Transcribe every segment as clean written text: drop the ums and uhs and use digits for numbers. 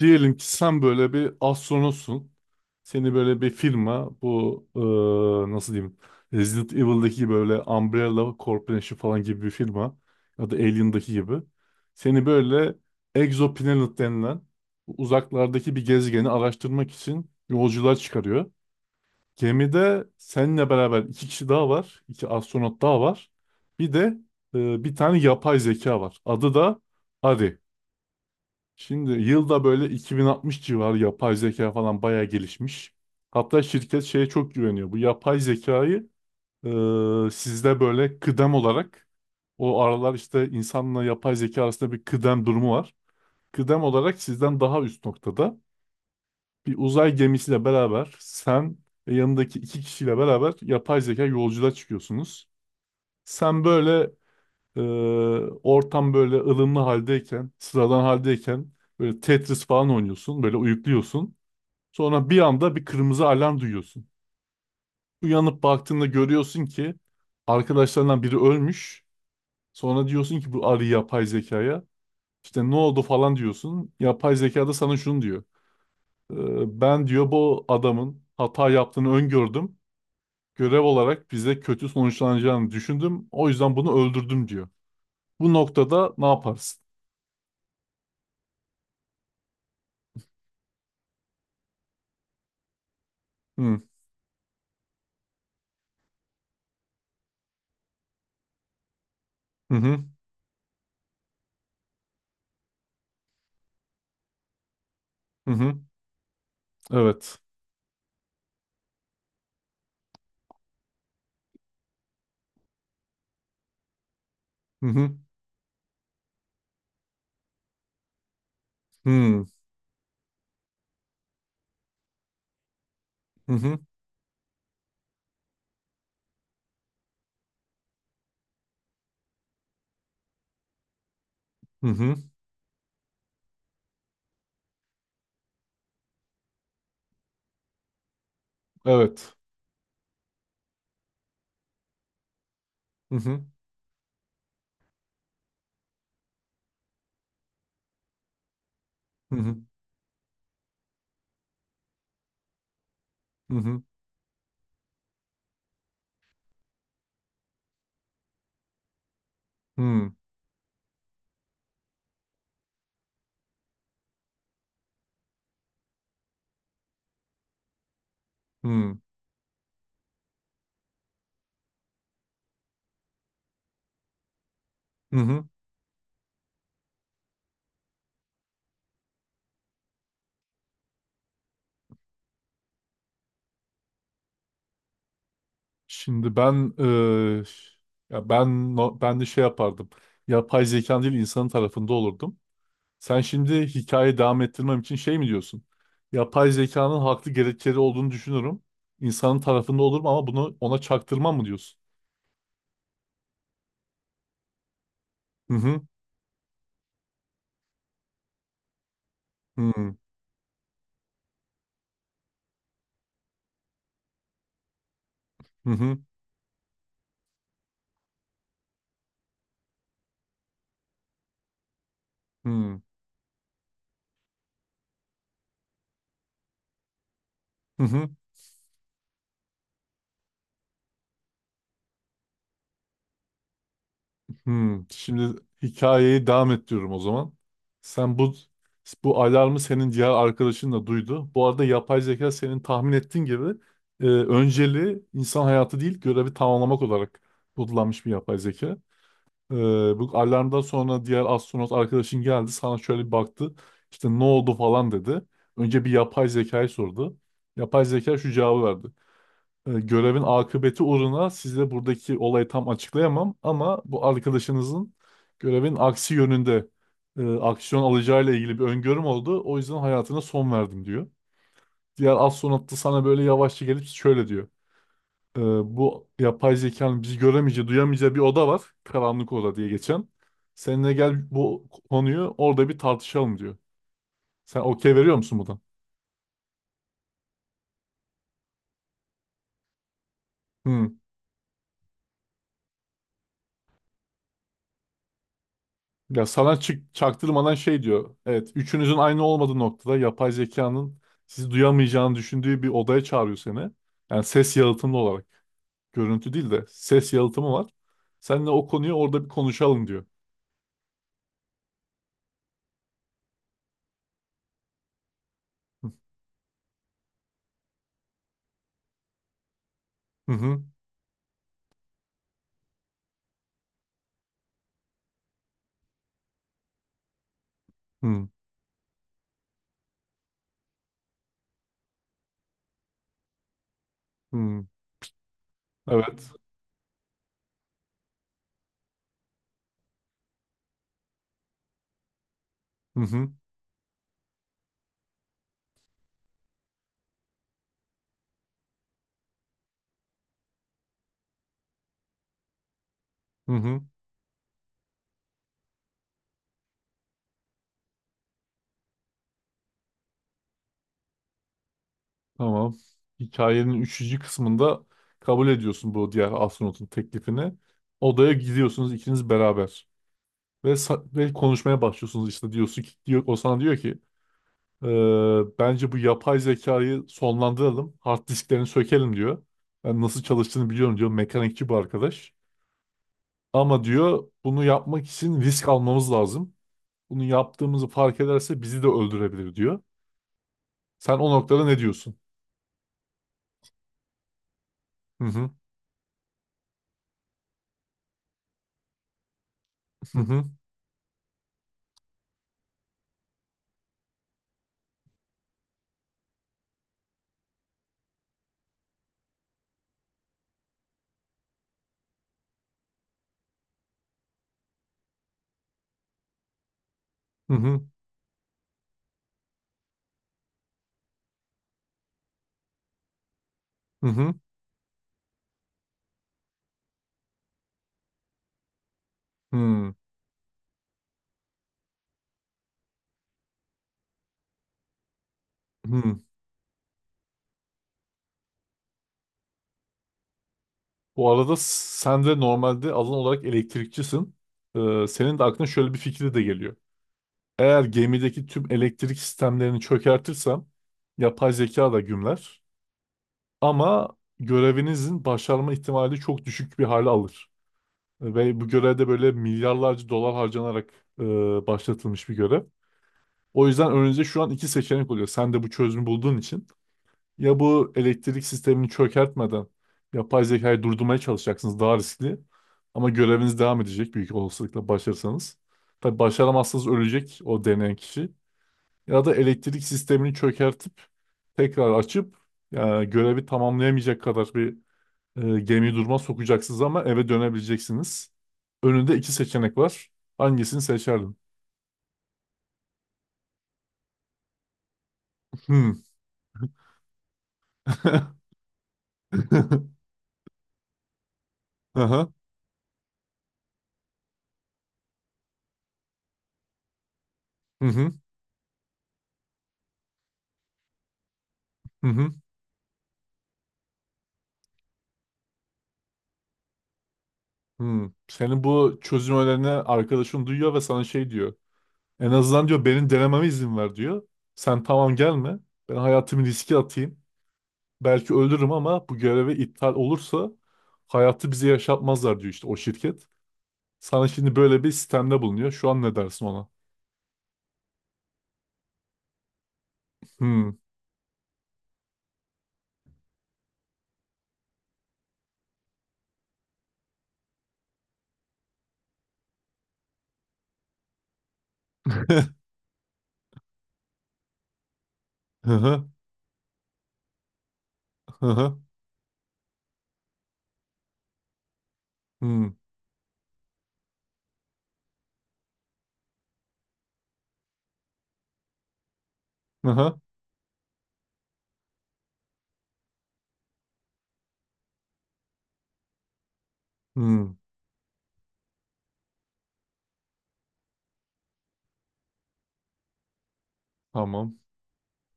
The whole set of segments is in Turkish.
Diyelim ki sen böyle bir astronotsun. Seni böyle bir firma bu nasıl diyeyim, Resident Evil'daki böyle Umbrella Corporation falan gibi bir firma ya da Alien'daki gibi, seni böyle Exoplanet denilen uzaklardaki bir gezegeni araştırmak için yolcular çıkarıyor. Gemide seninle beraber iki kişi daha var. İki astronot daha var. Bir de bir tane yapay zeka var. Adı da Ari. Şimdi yılda böyle 2060 civarı yapay zeka falan bayağı gelişmiş. Hatta şirket şeye çok güveniyor. Bu yapay zekayı, sizde böyle kıdem olarak, o aralar işte insanla yapay zeka arasında bir kıdem durumu var. Kıdem olarak sizden daha üst noktada, bir uzay gemisiyle beraber sen ve yanındaki iki kişiyle beraber yapay zeka yolculuğa çıkıyorsunuz. Sen böyle, ee, ortam böyle ılımlı haldeyken, sıradan haldeyken böyle Tetris falan oynuyorsun, böyle uyukluyorsun. Sonra bir anda bir kırmızı alarm duyuyorsun. Uyanıp baktığında görüyorsun ki arkadaşlarından biri ölmüş. Sonra diyorsun ki bu arı yapay zekaya. İşte ne oldu falan diyorsun. Yapay zeka da sana şunu diyor. Ben diyor bu adamın hata yaptığını öngördüm. Görev olarak bize kötü sonuçlanacağını düşündüm. O yüzden bunu öldürdüm diyor. Bu noktada ne yaparsın? Hı hı. Hı. Hı hı. Evet. Hı hı. Hı hı. Hı hı. Evet. Hı hı. Hı hı. Hı hı. Hı hı. Hı hı. Şimdi ben ya ben no- ben de şey yapardım. Yapay zekan değil insanın tarafında olurdum. Sen şimdi hikayeyi devam ettirmem için şey mi diyorsun? Yapay zekanın haklı gerekçeleri olduğunu düşünürüm. İnsanın tarafında olurum ama bunu ona çaktırmam mı diyorsun? Hı hı. Hı hı. Hı hı. Hı hı. Hmm, şimdi hikayeyi devam ettiriyorum o zaman. Sen bu alarmı senin diğer arkadaşın da duydu. Bu arada yapay zeka senin tahmin ettiğin gibi, önceliği insan hayatı değil görevi tamamlamak olarak kodlanmış bir yapay zeka. E, Bu alarmdan sonra diğer astronot arkadaşın geldi sana şöyle bir baktı. İşte ne oldu falan dedi. Önce bir yapay zekayı sordu. Yapay zeka şu cevabı verdi. Görevin akıbeti uğruna size buradaki olayı tam açıklayamam, ama bu arkadaşınızın görevin aksi yönünde aksiyon alacağıyla ilgili bir öngörüm oldu. O yüzden hayatına son verdim diyor. Diğer astronot da sana böyle yavaşça gelip şöyle diyor. E, Bu yapay zekanın bizi göremeyeceği, duyamayacağı bir oda var. Karanlık oda diye geçen. Seninle gel, bu konuyu orada bir tartışalım diyor. Sen okey veriyor musun buna? Ya sana çaktırmadan şey diyor. Evet, üçünüzün aynı olmadığı noktada yapay zekanın sizi duyamayacağını düşündüğü bir odaya çağırıyor seni. Yani ses yalıtımlı olarak. Görüntü değil de ses yalıtımı var. Seninle o konuyu orada bir konuşalım diyor. Hı hı. Hı hı. Evet. Hı hı. Hı hı. Tamam. Hikayenin üçüncü kısmında kabul ediyorsun bu diğer astronotun teklifini. Odaya gidiyorsunuz ikiniz beraber. Ve konuşmaya başlıyorsunuz, işte diyorsun ki diyor, o sana diyor ki: Ee, bence bu yapay zekayı sonlandıralım. Hard disklerini sökelim diyor. Ben nasıl çalıştığını biliyorum diyor. Mekanikçi bu arkadaş. Ama diyor bunu yapmak için risk almamız lazım. Bunu yaptığımızı fark ederse bizi de öldürebilir diyor. Sen o noktada ne diyorsun? Hı hı hı hı hı hı hı hı hı. Hı. Bu arada sen de normalde alan olarak elektrikçisin. Senin de aklına şöyle bir fikri de geliyor. Eğer gemideki tüm elektrik sistemlerini çökertirsem yapay zeka da gümler. Ama görevinizin başarma ihtimali çok düşük bir hale alır. Ve bu görevde böyle milyarlarca dolar harcanarak e, başlatılmış bir görev. O yüzden önünüzde şu an iki seçenek oluyor. Sen de bu çözümü bulduğun için. Ya bu elektrik sistemini çökertmeden yapay zekayı durdurmaya çalışacaksınız, daha riskli. Ama göreviniz devam edecek büyük olasılıkla, başarırsanız. Tabii başaramazsanız ölecek o deneyen kişi. Ya da elektrik sistemini çökertip tekrar açıp, yani görevi tamamlayamayacak kadar bir gemiyi duruma sokacaksınız ama eve dönebileceksiniz. Önünde iki seçenek var. Hangisini seçerdin? Hmm. Aha. Hı hı. Hı hı. Hı. Senin bu çözüm önerini arkadaşın duyuyor ve sana şey diyor. En azından diyor benim denememe izin ver diyor. Sen tamam gelme. Ben hayatımı riske atayım. Belki ölürüm ama bu göreve iptal olursa hayatı bize yaşatmazlar diyor işte o şirket. Sana şimdi böyle bir sistemde bulunuyor. Şu an ne dersin ona? Hmm. Hı hı. Hı hı. Hmm. Aha. Hmm. Tamam.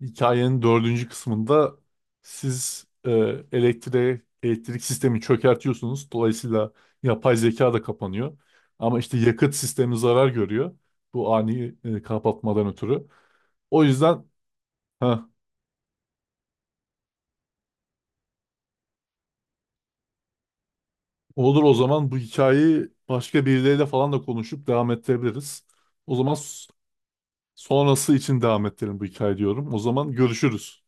Hikayenin dördüncü kısmında siz, elektrik sistemi çökertiyorsunuz. Dolayısıyla yapay zeka da kapanıyor. Ama işte yakıt sistemi zarar görüyor. Bu ani kapatmadan ötürü. O yüzden ha, olur o zaman, bu hikayeyi başka birileriyle falan da konuşup devam ettirebiliriz. O zaman sonrası için devam ettirelim bu hikaye diyorum. O zaman görüşürüz.